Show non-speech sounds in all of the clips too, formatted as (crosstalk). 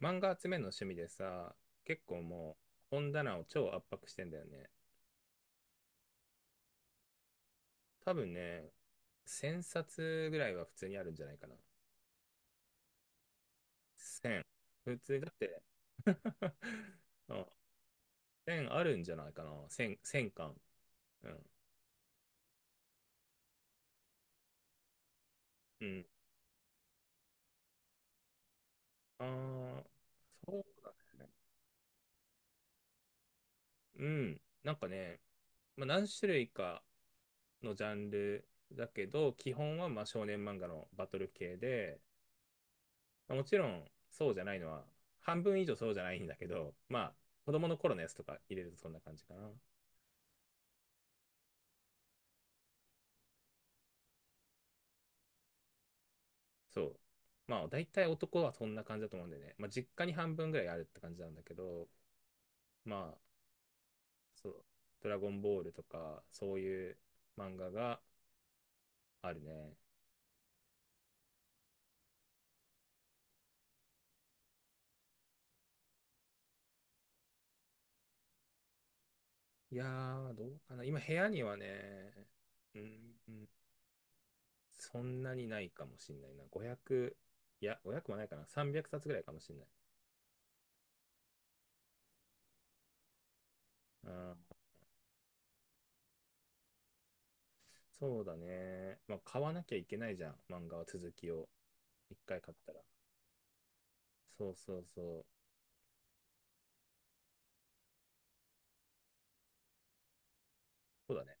漫画集めるの趣味でさ、結構もう本棚を超圧迫してんだよね。多分ね、1000冊ぐらいは普通にあるんじゃないかな。1000。普通だって。 (laughs) うん。1000あるんじゃないかな。1000、巻。うん。うん。ああ、そうだね。うん。なんかね、まあ、何種類かのジャンルだけど、基本はまあ少年漫画のバトル系で、もちろんそうじゃないのは、半分以上そうじゃないんだけど、まあ、子供の頃のやつとか入れるとそんな感じかな。そう。まあ、大体男はそんな感じだと思うんでね。まあ、実家に半分ぐらいあるって感じなんだけど、まあ、そう、ドラゴンボールとか、そういう漫画があるね。いやー、どうかな。今、部屋にはね、うん、うん、そんなにないかもしんないな。5 0、いや、5 0もないかな。300冊ぐらいかもしんない。うん、そうだね。まあ、買わなきゃいけないじゃん。漫画は続きを。一回買ったら。そうそうそう。そうだね。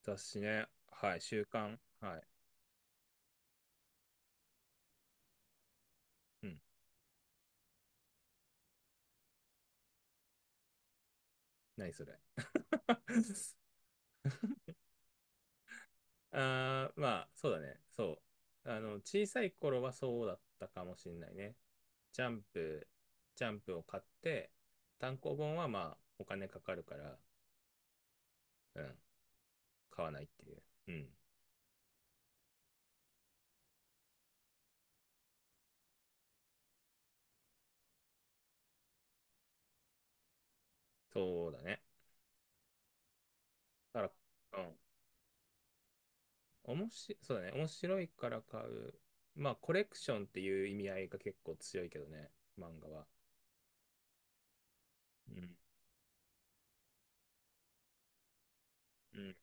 雑誌ね。はい。週刊。はい。うん。何それ。(laughs) あー、まあ、そうだね。そう。あの、小さい頃はそうだったかもしれないね。ジャンプ、ジャンプを買って、単行本はまあ、お金かかるから、うん。買わないっていう。うん。そうだね。だから、うん。おもし、そうだね。面白いから買う。まあ、コレクションっていう意味合いが結構強いけどね、漫画は。うん。うん。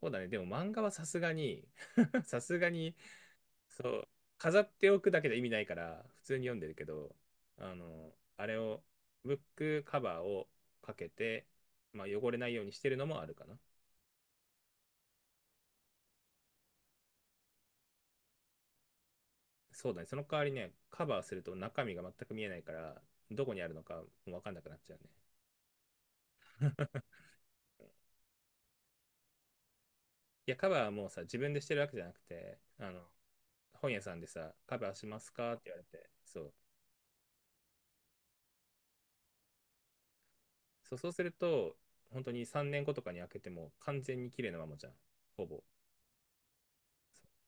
そうだね。でも漫画はさすがに (laughs) さすがに、そう、飾っておくだけで意味ないから、普通に読んでるけど、あの、あれを、ブックカバーをかけて、まあ、汚れないようにしてるのもあるかな。そうだね。その代わりね、カバーすると中身が全く見えないから、どこにあるのかもう分かんなくなっちゃうね。いや、カバーはもうさ、自分でしてるわけじゃなくて、あの、本屋さんでさ、カバーしますかって言われて、そう。そう、そうすると、本当に3年後とかに開けても完全に綺麗なままじゃん、ほぼ。そう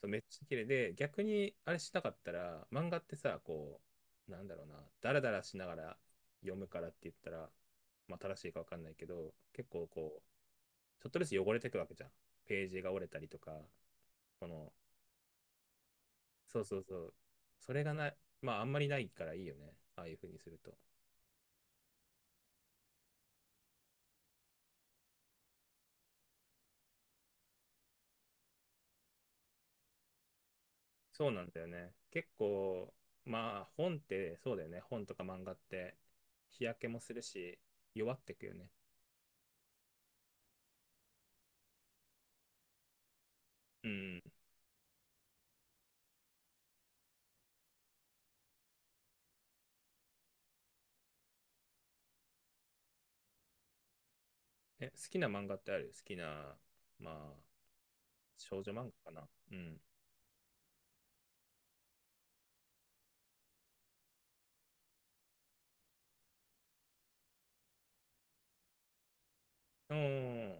そう、めっちゃ綺麗で、逆にあれしなかったら、漫画ってさ、こう、なんだろうな、ダラダラしながら読むからって言ったら、まあ、正しいかわかんないけど、結構こう、ちょっとずつ汚れていくわけじゃん。ページが折れたりとか、このそうそうそう。それがない、まああんまりないからいいよね。ああいう風にすると。そうなんだよね。結構、まあ本ってそうだよね。本とか漫画って日焼けもするし、弱ってくよね。うん。え、好きな漫画ってある？好きな、まあ、少女漫画かな。うん。おー、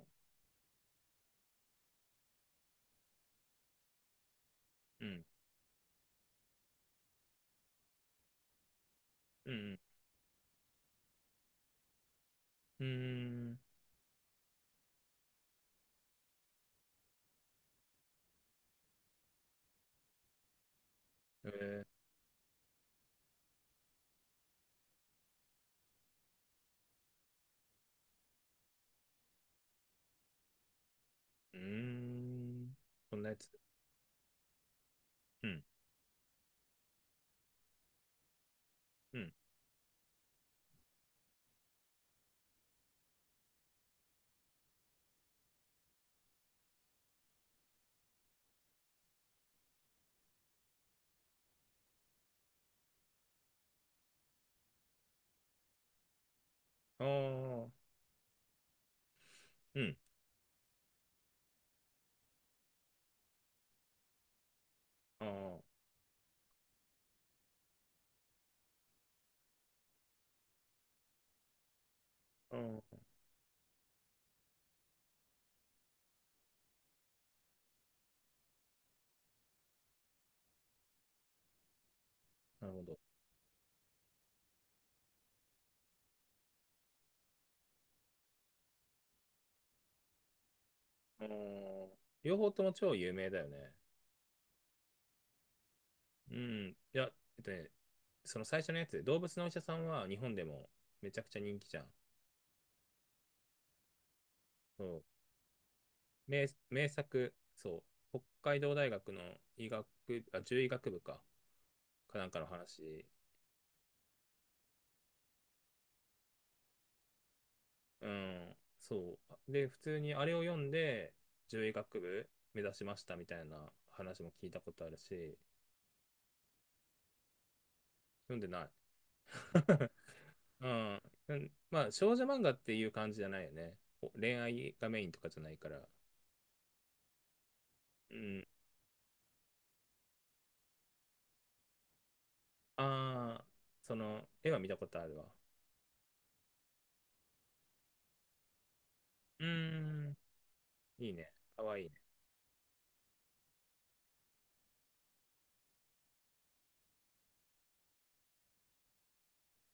うん、うん、うん、うーん、えー、うーん、こんなやつ。うん、うん、あー、うん、あー、あー、なるほど。うん。両方とも超有名だよね。うん。いや、えっとね、その最初のやつ、動物のお医者さんは日本でもめちゃくちゃ人気じゃん。そう、名作、そう、北海道大学の医学、あ、獣医学部か、なんかの話。うん、そう。で、普通にあれを読んで、獣医学部目指しましたみたいな話も聞いたことあるし、読んでない。(laughs) うん。うん、まあ、少女漫画っていう感じじゃないよね。こう恋愛がメインとかじゃないから。うん。ああ、その、絵は見たことあるわ。うーん。いいね。かわいいね。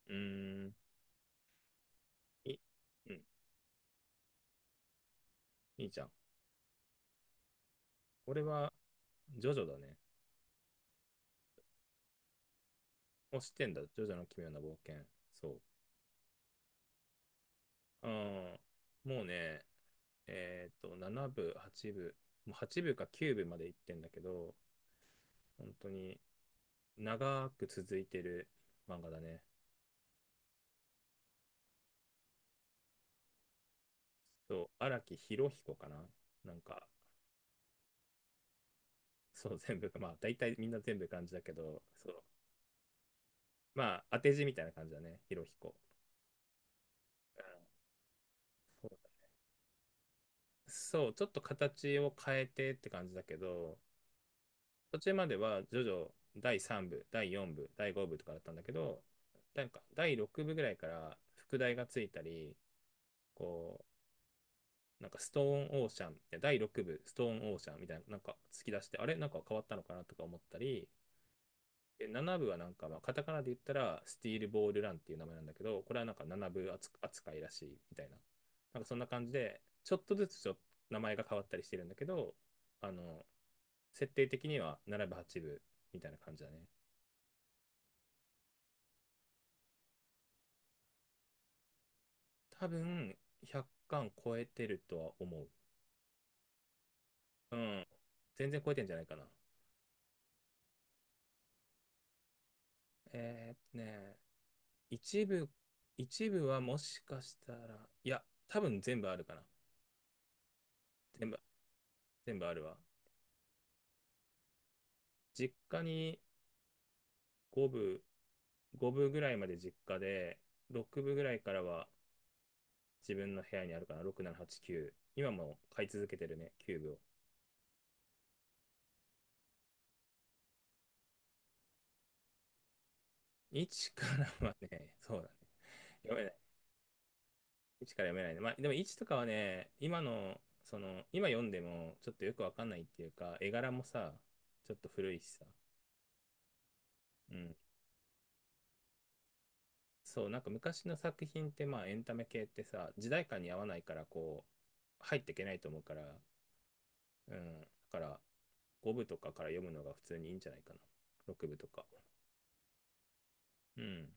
うーん。い、うん。いいじゃん。これは、ジョジョだね。もう知ってんだ。ジョジョの奇妙な冒険。そう。うん。もうね、7部、8部、もう8部か9部まで行ってんだけど、本当に長く続いてる漫画だね。そう、荒木博彦かな、なんか、そう、全部、まあ、大体みんな全部漢字だけど、そう、まあ、当て字みたいな感じだね、博彦。うん、そうそう、ちょっと形を変えてって感じだけど、途中までは、徐々ジ第3部、第4部、第5部とかだったんだけど、なんか、第6部ぐらいから、副題がついたり、こう、なんか、ストーンオーシャン、いや第6部、ストーンオーシャンみたいな、なんか、突き出して、あれなんか変わったのかなとか思ったり、で7部はなんか、まあ、カタカナで言ったら、スティールボールランっていう名前なんだけど、これはなんか7部扱いらしいみたいな。なんかそんな感じで、ちょっとずつちょっと名前が変わったりしてるんだけど、あの、設定的には7部、8部みたいな感じだね。多分、100巻超えてるとは思う。うん。全然超えてんじゃないかな。えーっとね、一部、一部はもしかしたら、いや、多分全部あるかな。全部、全部あるわ。実家に5部、5部ぐらいまで実家で、6部ぐらいからは自分の部屋にあるかな、6、7、8、9。今も買い続けてるね、9部を。1からはね、(laughs) そうだね。読めない。1から読めないね。まあ、でも1とかはね、今の、その、今読んでもちょっとよくわかんないっていうか、絵柄もさ、ちょっと古いしさ。うん。そう、なんか昔の作品って、まあ、エンタメ系ってさ、時代感に合わないから、こう、入っていけないと思うから、うん。だから、5部とかから読むのが普通にいいんじゃないかな。6部とか。うん。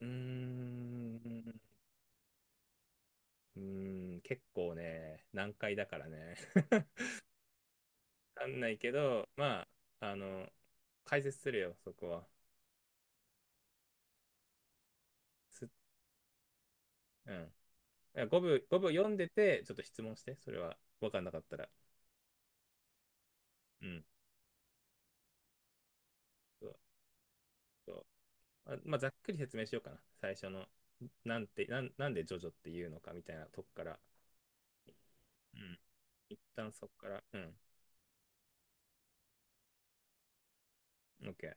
うーん。うーん。結構ね、難解だからね。(laughs) わかんないけど、まあ、あの、解説するよ、そこは。すうん。5部読んでて、ちょっと質問して、それは分かんなかったら。うん。そうそう、まあ、ざっくり説明しようかな。最初の、なんて、なん、なんでジョジョっていうのかみたいなとこから。うん。一旦そこから。うん。OK。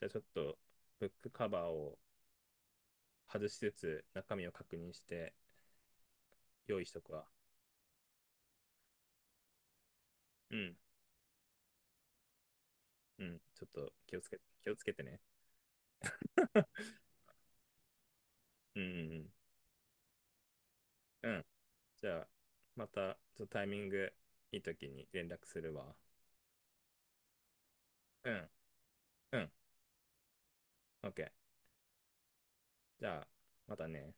じゃあちょっと、ブックカバーを外しつつ、中身を確認して、用意しとくわ。うん、うん、ちょっと気をつけてね (laughs)。うん、うん、うん。じゃあ、また、ちょっとタイミングいい時に連絡するわ。うん、うん、オッケー。じゃあ、またね。